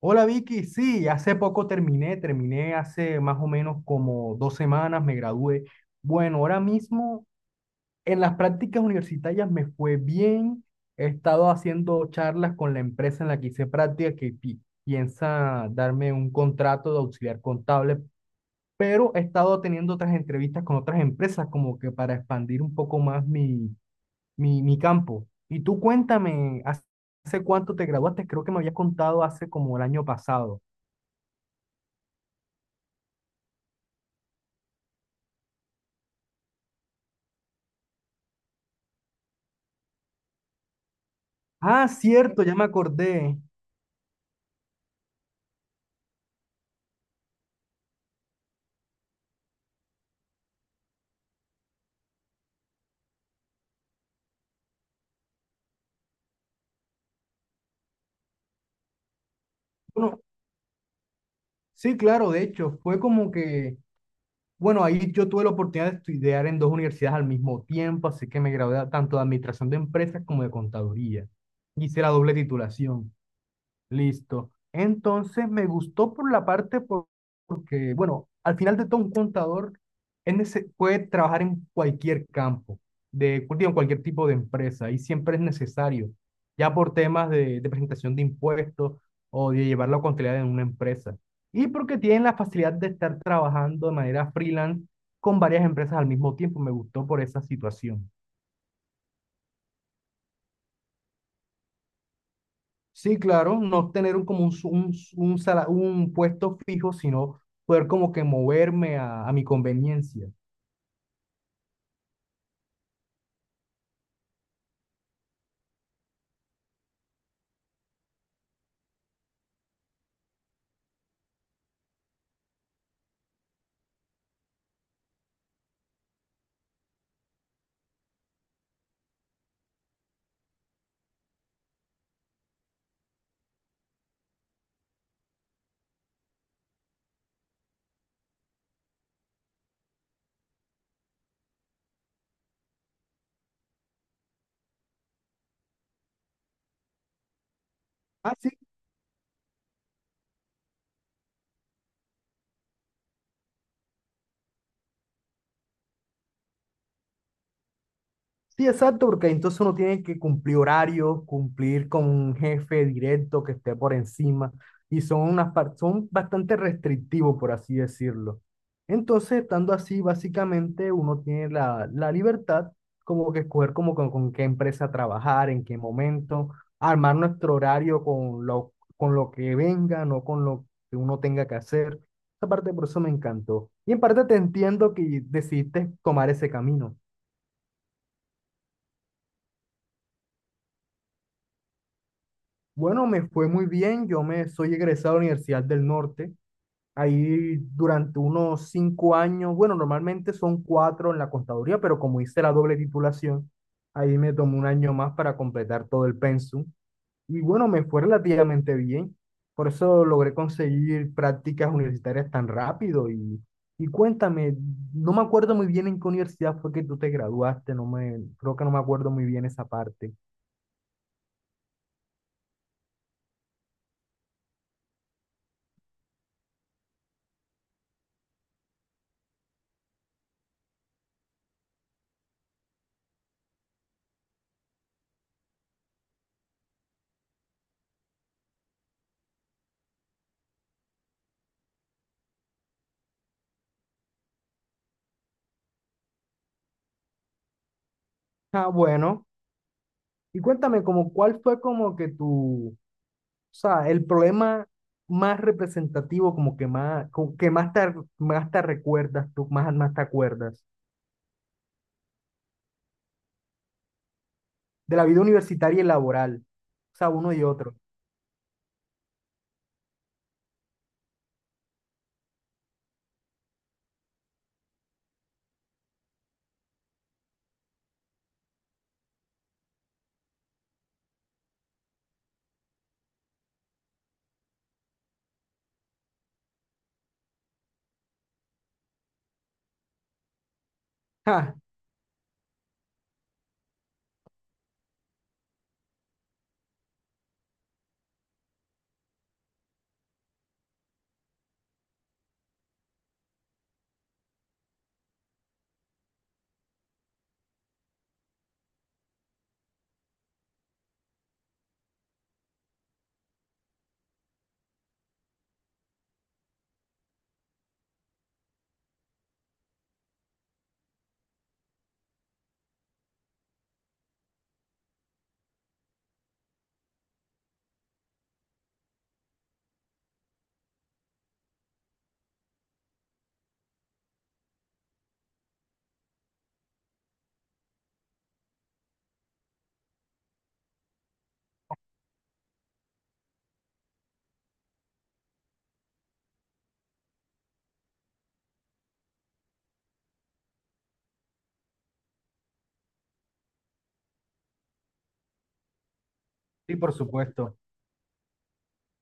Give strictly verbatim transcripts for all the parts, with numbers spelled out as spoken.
Hola Vicky, sí, hace poco terminé, terminé hace más o menos como dos semanas, me gradué. Bueno, ahora mismo en las prácticas universitarias me fue bien, he estado haciendo charlas con la empresa en la que hice práctica que pi- piensa darme un contrato de auxiliar contable, pero he estado teniendo otras entrevistas con otras empresas como que para expandir un poco más mi, mi, mi campo. Y tú cuéntame, ¿hace hace cuánto te graduaste? Creo que me habías contado hace como el año pasado. Ah, cierto, ya me acordé. Bueno, sí, claro, de hecho, fue como que, bueno, ahí yo tuve la oportunidad de estudiar en dos universidades al mismo tiempo, así que me gradué tanto de administración de empresas como de contaduría. Hice la doble titulación. Listo. Entonces me gustó por la parte por- porque, bueno, al final de todo un contador es nece- puede trabajar en cualquier campo, de, digo, en cualquier tipo de empresa y siempre es necesario, ya por temas de, de presentación de impuestos o de llevar la contabilidad en una empresa. Y porque tienen la facilidad de estar trabajando de manera freelance con varias empresas al mismo tiempo. Me gustó por esa situación. Sí, claro, no tener un, como un, su- un, su- un, sala- un puesto fijo, sino poder como que moverme a, a mi conveniencia. Ah, sí. Sí, exacto, porque entonces uno tiene que cumplir horarios, cumplir con un jefe directo que esté por encima, y son unas par- son bastante restrictivos, por así decirlo. Entonces, estando así, básicamente uno tiene la, la libertad como que escoger como con, con qué empresa trabajar, en qué momento, armar nuestro horario con lo, con lo que venga, no con lo que uno tenga que hacer. Esa parte por eso me encantó. Y en parte te entiendo que decidiste tomar ese camino. Bueno, me fue muy bien. Yo me soy egresado de la Universidad del Norte. Ahí durante unos cinco años, bueno, normalmente son cuatro en la contaduría, pero como hice la doble titulación, ahí me tomó un año más para completar todo el pensum. Y bueno, me fue relativamente bien. Por eso logré conseguir prácticas universitarias tan rápido. Y, y cuéntame, no me acuerdo muy bien en qué universidad fue que tú te graduaste. No me, creo que no me acuerdo muy bien esa parte. Ah, bueno. Y cuéntame, como cuál fue como que tu, o sea, el problema más representativo, como que más, como que más te, más te recuerdas, tú más, más te acuerdas, de la vida universitaria y laboral, o sea, uno y otro. Ah, sí, por supuesto.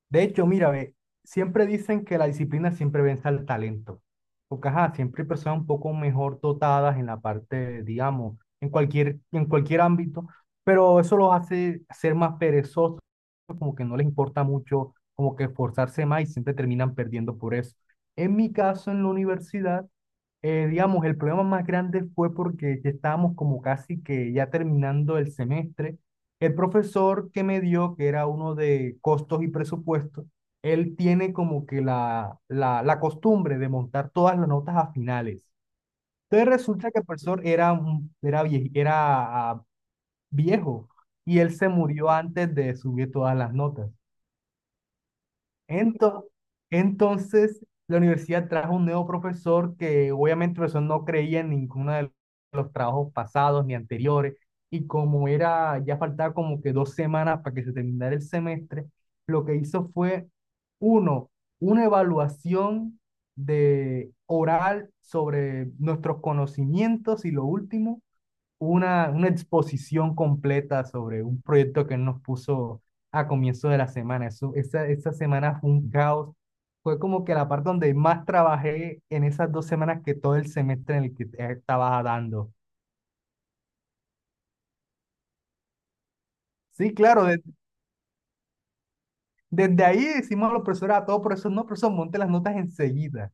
De hecho, mira, ve, siempre dicen que la disciplina siempre vence al talento, porque ajá, siempre hay personas un poco mejor dotadas en la parte, digamos, en cualquier, en cualquier ámbito, pero eso los hace ser más perezosos como que no les importa mucho, como que esforzarse más y siempre terminan perdiendo por eso. En mi caso, en la universidad, eh, digamos, el problema más grande fue porque ya estábamos como casi que ya terminando el semestre. El profesor que me dio, que era uno de costos y presupuestos, él tiene como que la, la, la costumbre de montar todas las notas a finales. Entonces resulta que el profesor era, un- era, vie- era ah, viejo y él se murió antes de subir todas las notas. Ento- entonces, la universidad trajo un nuevo profesor que obviamente el profesor no creía en ninguno de los trabajos pasados ni anteriores. Y como era, ya faltaba como que dos semanas para que se terminara el semestre, lo que hizo fue, uno, una evaluación de oral sobre nuestros conocimientos y lo último, una, una exposición completa sobre un proyecto que él nos puso a comienzo de la semana. Eso, esa, esa semana fue un caos. Fue como que la parte donde más trabajé en esas dos semanas que todo el semestre en el que eh, estaba dando. Sí, claro, de- desde ahí decimos a los profesores, a todos profesor, no, profesor, monte las notas enseguida.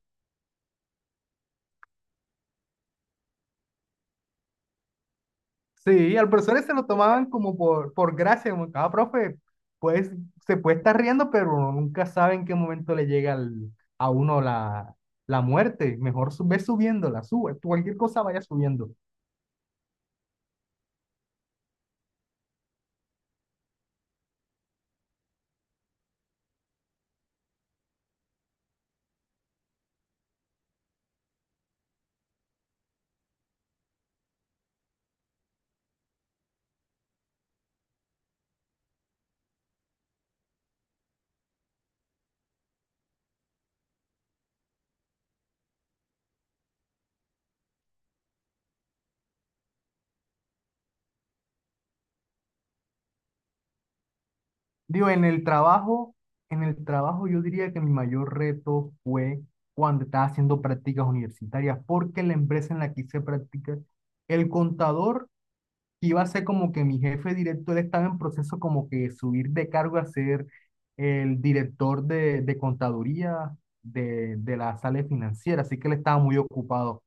Sí, al profesor se lo tomaban como por, por gracia, como cada profe, pues se puede estar riendo, pero uno nunca sabe en qué momento le llega al- a uno la, la muerte. Mejor su- ve subiéndola, sube, tú cualquier cosa vaya subiendo. Digo, en el trabajo, en el trabajo yo diría que mi mayor reto fue cuando estaba haciendo prácticas universitarias, porque la empresa en la que hice prácticas, el contador iba a ser como que mi jefe director estaba en proceso como que subir de cargo a ser el director de, de contaduría de, de la sala financiera, así que él estaba muy ocupado.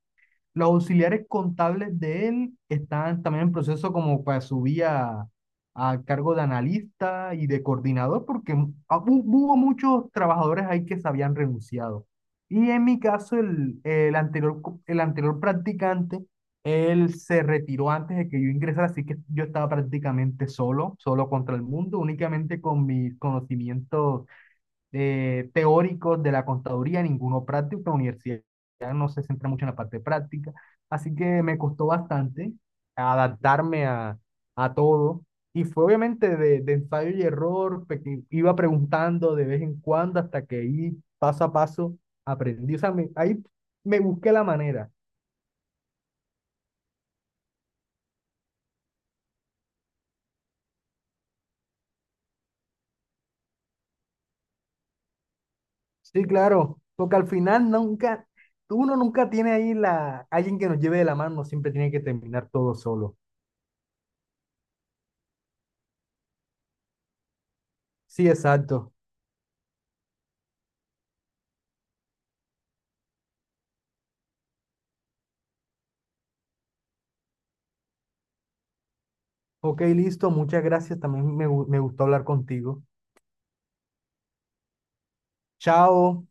Los auxiliares contables de él están también en proceso como para subir a, a cargo de analista y de coordinador, porque hu- hubo muchos trabajadores ahí que se habían renunciado. Y en mi caso, el, el anterior, co- el anterior practicante, él se retiró antes de que yo ingresara, así que yo estaba prácticamente solo, solo contra el mundo, únicamente con mis conocimientos eh, teóricos de la contaduría, ninguno práctico. La universidad no se centra mucho en la parte práctica, así que me costó bastante adaptarme a, a todo. Y fue obviamente de, de ensayo y error, peque- iba preguntando de vez en cuando hasta que ahí paso a paso aprendí. O sea, me- ahí me busqué la manera. Sí, claro, porque al final nunca, uno nunca tiene ahí la, alguien que nos lleve de la mano, siempre tiene que terminar todo solo. Sí, exacto. Ok, listo. Muchas gracias. También me, gu- me gustó hablar contigo. Chao.